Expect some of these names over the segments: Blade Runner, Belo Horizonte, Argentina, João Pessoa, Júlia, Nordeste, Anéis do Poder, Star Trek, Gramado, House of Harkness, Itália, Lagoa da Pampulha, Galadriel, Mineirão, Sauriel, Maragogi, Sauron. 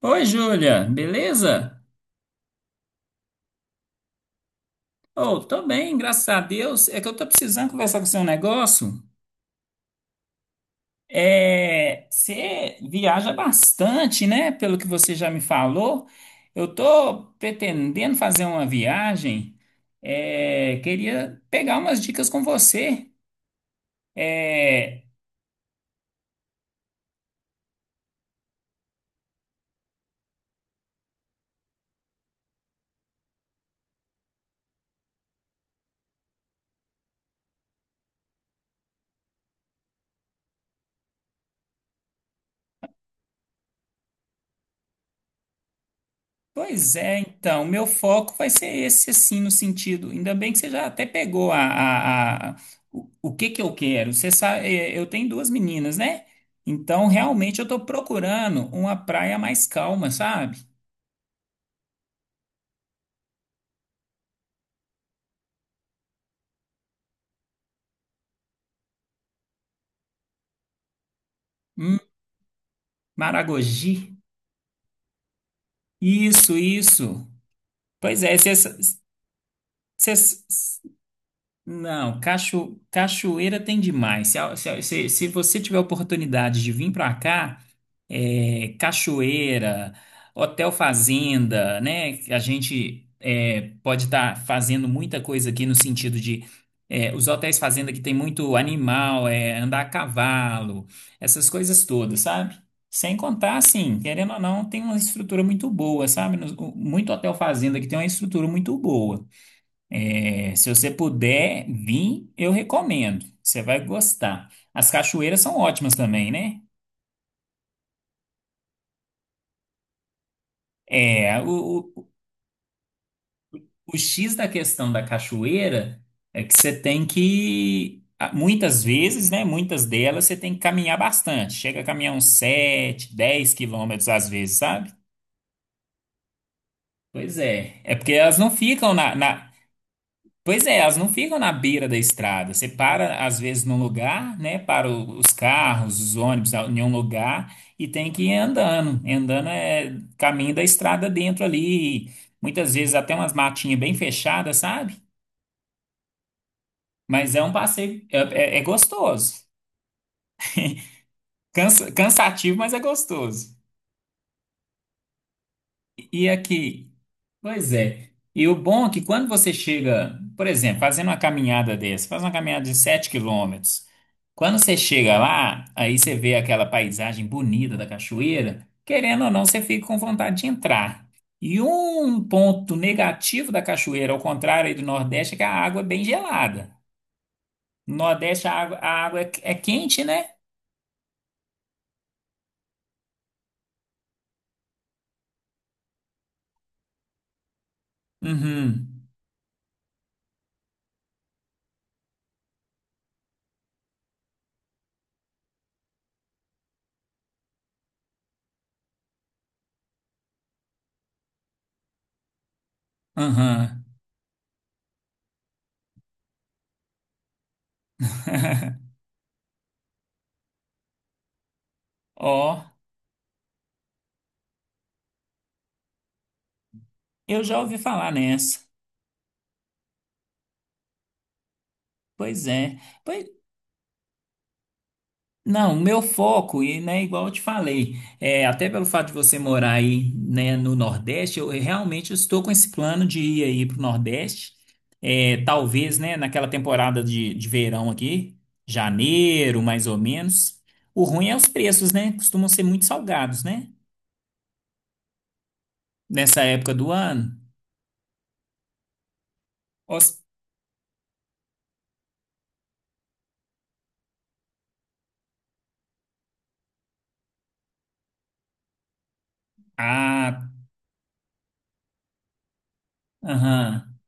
Oi, Júlia, beleza? Oh, tô bem, graças a Deus. É que eu tô precisando conversar com você um negócio. Você viaja bastante, né? Pelo que você já me falou. Eu tô pretendendo fazer uma viagem. Queria pegar umas dicas com você. É, Pois é, então, meu foco vai ser esse, assim, no sentido. Ainda bem que você já até pegou o que que eu quero. Você sabe, eu tenho duas meninas, né? Então, realmente, eu tô procurando uma praia mais calma, sabe? Hum. Maragogi. Isso, isso. Pois é, você. Não, cachoeira tem demais. Se, a- se, a- se- Se você tiver oportunidade de vir para cá, cachoeira, hotel fazenda, né? A gente pode estar fazendo muita coisa aqui no sentido de os hotéis fazenda, que tem muito animal, andar a cavalo, essas coisas todas, sabe? Sem contar, assim, querendo ou não, tem uma estrutura muito boa, sabe? Muito hotel fazenda que tem uma estrutura muito boa. Se você puder vir, eu recomendo. Você vai gostar. As cachoeiras são ótimas também, né? É, o, o, o X da questão da cachoeira é que você tem que, muitas vezes, né? Muitas delas você tem que caminhar bastante. Chega a caminhar uns 7 10 quilômetros às vezes, sabe? Pois é. É porque elas não ficam Pois é, elas não ficam na beira da estrada. Você para, às vezes, num lugar, né? Para os carros, os ônibus, em um lugar, e tem que ir andando. Andando é caminho da estrada dentro ali. Muitas vezes até umas matinhas bem fechadas, sabe? Mas é um passeio, é gostoso. Cansativo, mas é gostoso. E aqui. Pois é. E o bom é que quando você chega, por exemplo, fazendo uma caminhada dessa, faz uma caminhada de 7 quilômetros, quando você chega lá, aí você vê aquela paisagem bonita da cachoeira, querendo ou não, você fica com vontade de entrar. E um ponto negativo da cachoeira, ao contrário aí do Nordeste, é que a água é bem gelada. No Nordeste a água é quente, né? Uhum, uhum. Ó, eu já ouvi falar nessa. Pois é. Pois Não, o meu foco, e né, igual eu te falei, até pelo fato de você morar aí, né, no Nordeste, eu realmente estou com esse plano de ir aí para o Nordeste, talvez, né, naquela temporada de verão aqui, janeiro, mais ou menos. O ruim é os preços, né? Costumam ser muito salgados, né? Nessa época do ano. Os- Ah, aham.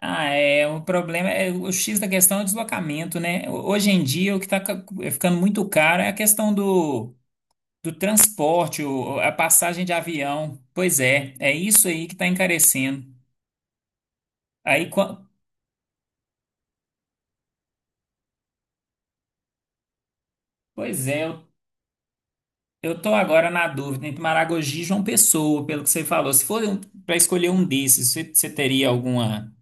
Ah, o problema é o X da questão é o deslocamento, né? Hoje em dia, o que está ficando muito caro é a questão do do transporte, a passagem de avião. Pois é, é isso aí que está encarecendo. Aí, pois é, eu tô agora na dúvida entre Maragogi e João Pessoa, pelo que você falou. Se for para escolher um desses, você teria alguma.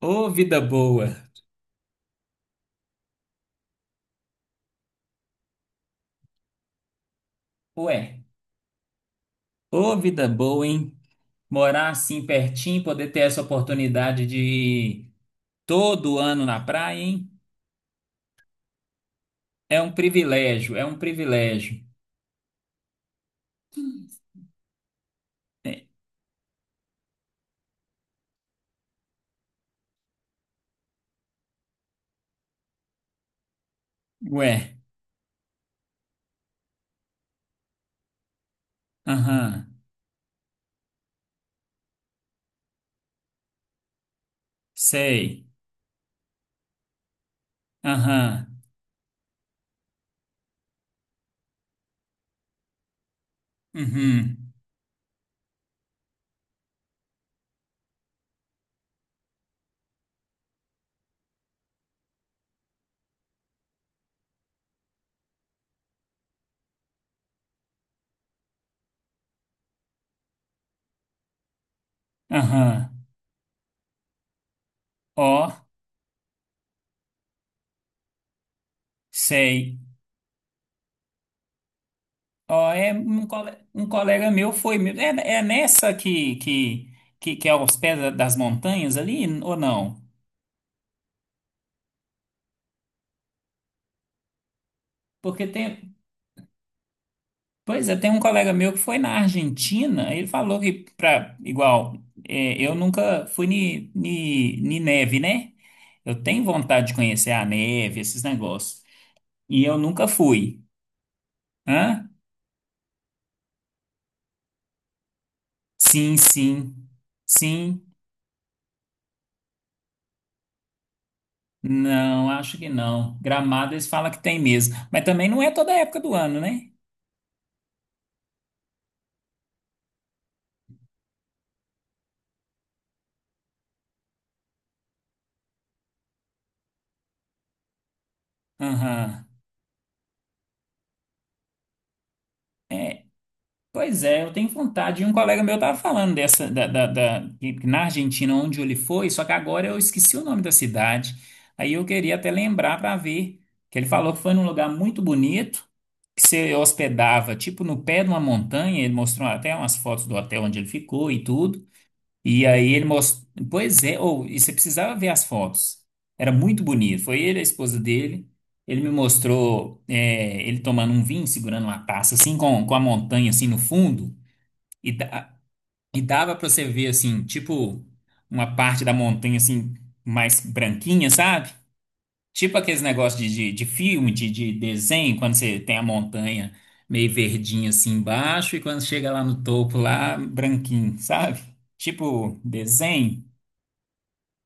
Ô, vida boa! Ué, ô, vida boa, hein? Morar assim pertinho, poder ter essa oportunidade de ir todo ano na praia, hein? É um privilégio, é um privilégio. É, ué, aham, sei. Aham. Uhum. Aham. Ó, sei. Ó, é um, colega meu foi mesmo. É nessa que é aos pés das montanhas ali, ou não? Porque tem. Pois é, tem um colega meu que foi na Argentina, ele falou que, pra, igual, eu nunca fui ni, ni, ni neve, né? Eu tenho vontade de conhecer a neve, esses negócios. E eu nunca fui. Hã? Sim, sim. Sim. Não, acho que não. Gramado eles falam que tem mesmo, mas também não é toda época do ano, né? Aham. É, Pois é, eu tenho vontade. E um colega meu tava falando dessa, que na Argentina, onde ele foi, só que agora eu esqueci o nome da cidade. Aí eu queria até lembrar para ver, que ele falou que foi num lugar muito bonito, que você hospedava, tipo, no pé de uma montanha. Ele mostrou até umas fotos do hotel onde ele ficou e tudo. E aí ele mostrou. Pois é, ou e você precisava ver as fotos. Era muito bonito. Foi ele, a esposa dele. Ele me mostrou ele tomando um vinho, segurando uma taça, assim, com a montanha, assim, no fundo. E, da- e dava pra você ver, assim, tipo, uma parte da montanha, assim, mais branquinha, sabe? Tipo aqueles negócios de filme, de desenho, quando você tem a montanha meio verdinha, assim, embaixo, e quando chega lá no topo, lá, branquinho, sabe? Tipo, desenho.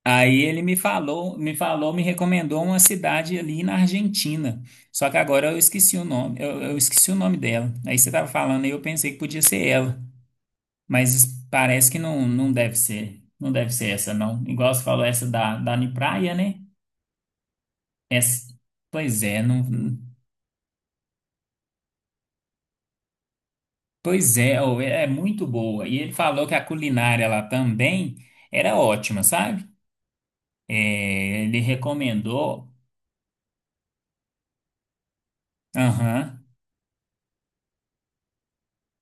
Aí ele me falou, me recomendou uma cidade ali na Argentina. Só que agora eu esqueci o nome, eu esqueci o nome dela. Aí você estava falando e eu pensei que podia ser ela, mas parece que não, não deve ser, não deve ser essa não. Igual você falou essa da Praia, né? Essa, pois é, não, pois é, ô, é muito boa. E ele falou que a culinária lá também era ótima, sabe? Ele recomendou. Aham.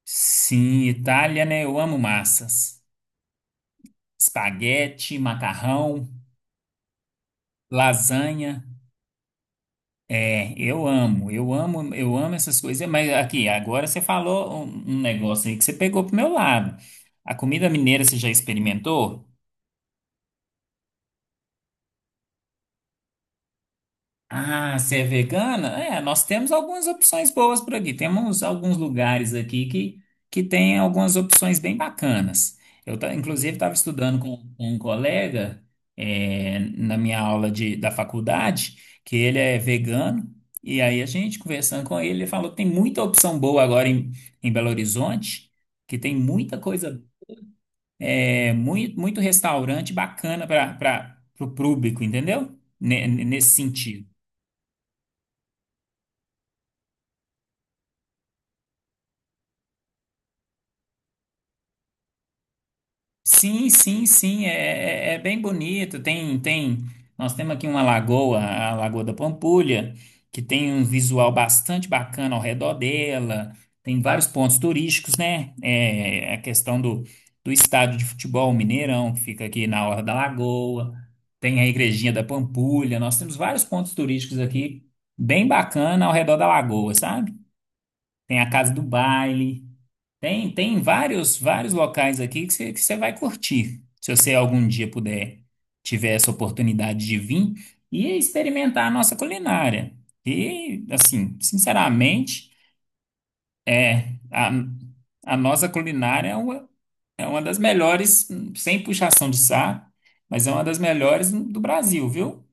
Sim, Itália, né? Eu amo massas. Espaguete, macarrão, lasanha. Eu amo, eu amo, eu amo essas coisas. Mas aqui, agora você falou um negócio aí que você pegou pro meu lado. A comida mineira você já experimentou? Ah, você é vegana? Nós temos algumas opções boas por aqui. Temos alguns lugares aqui que tem algumas opções bem bacanas. Eu, inclusive, estava estudando com um colega, na minha aula de, da faculdade, que ele é vegano. E aí, a gente conversando com ele, ele falou que tem muita opção boa agora em Belo Horizonte, que tem muita coisa, muito, muito restaurante bacana para o público, entendeu? Nesse sentido. Sim, sim, sim, é bem bonito. Nós temos aqui uma lagoa, a Lagoa da Pampulha, que tem um visual bastante bacana ao redor dela. Tem vários pontos turísticos, né? A questão do estádio de futebol Mineirão, que fica aqui na Orla da Lagoa. Tem a Igrejinha da Pampulha. Nós temos vários pontos turísticos aqui, bem bacana ao redor da lagoa, sabe? Tem a Casa do Baile. Tem vários, vários locais aqui que você vai curtir, se você algum dia puder, tiver essa oportunidade de vir e experimentar a nossa culinária. E, assim, sinceramente, é a, a nossa culinária é uma das melhores, sem puxação de saco, mas é uma das melhores do Brasil, viu?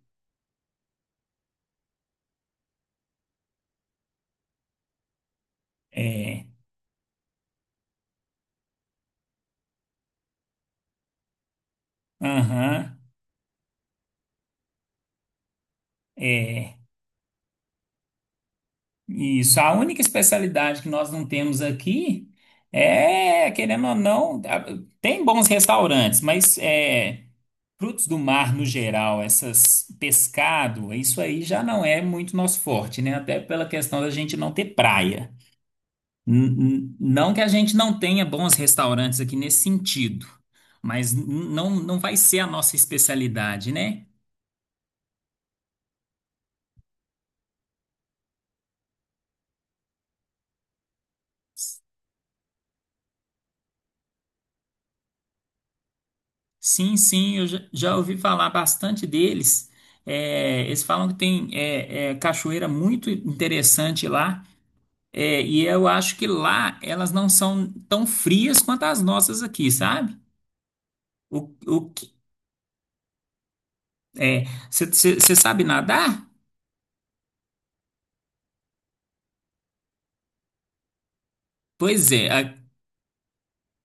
É, aham, é. Isso, a única especialidade que nós não temos aqui é, querendo ou não, tem bons restaurantes, mas é, frutos do mar no geral, essas pescado, isso aí já não é muito nosso forte, né? Até pela questão da gente não ter praia. Não que a gente não tenha bons restaurantes aqui nesse sentido, mas não, não vai ser a nossa especialidade, né? Sim, sim, eu já ouvi falar bastante deles. Eles falam que tem cachoeira muito interessante lá. E eu acho que lá elas não são tão frias quanto as nossas aqui, sabe? O, o, que- é, Você sabe nadar? Pois é.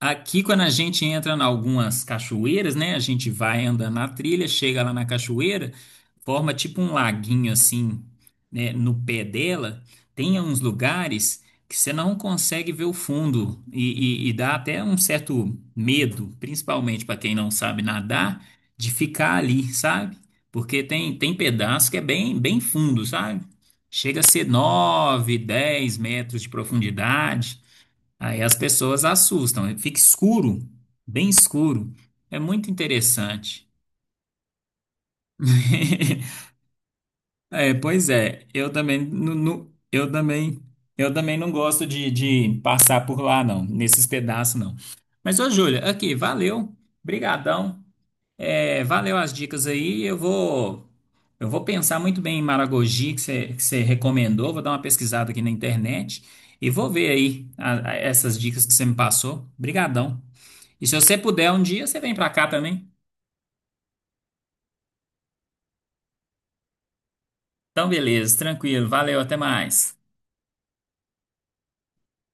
Aqui, quando a gente entra em algumas cachoeiras, né? A gente vai andando na trilha, chega lá na cachoeira, forma tipo um laguinho assim, né? No pé dela, tem uns lugares que você não consegue ver o fundo e, e dá até um certo medo, principalmente para quem não sabe nadar, de ficar ali, sabe? Porque tem pedaço que é bem, bem fundo, sabe? Chega a ser 9, 10 metros de profundidade. Aí as pessoas assustam, fica escuro, bem escuro. É muito interessante. Pois é, eu também, eu também, não gosto de passar por lá, não, nesses pedaços, não. Mas, ô, Júlia, aqui, valeu, brigadão, valeu as dicas aí, eu vou pensar muito bem em Maragogi, que você recomendou, vou dar uma pesquisada aqui na internet e vou ver aí essas dicas que você me passou. Brigadão. E se você puder um dia, você vem pra cá também. Então, beleza, tranquilo. Valeu, até mais.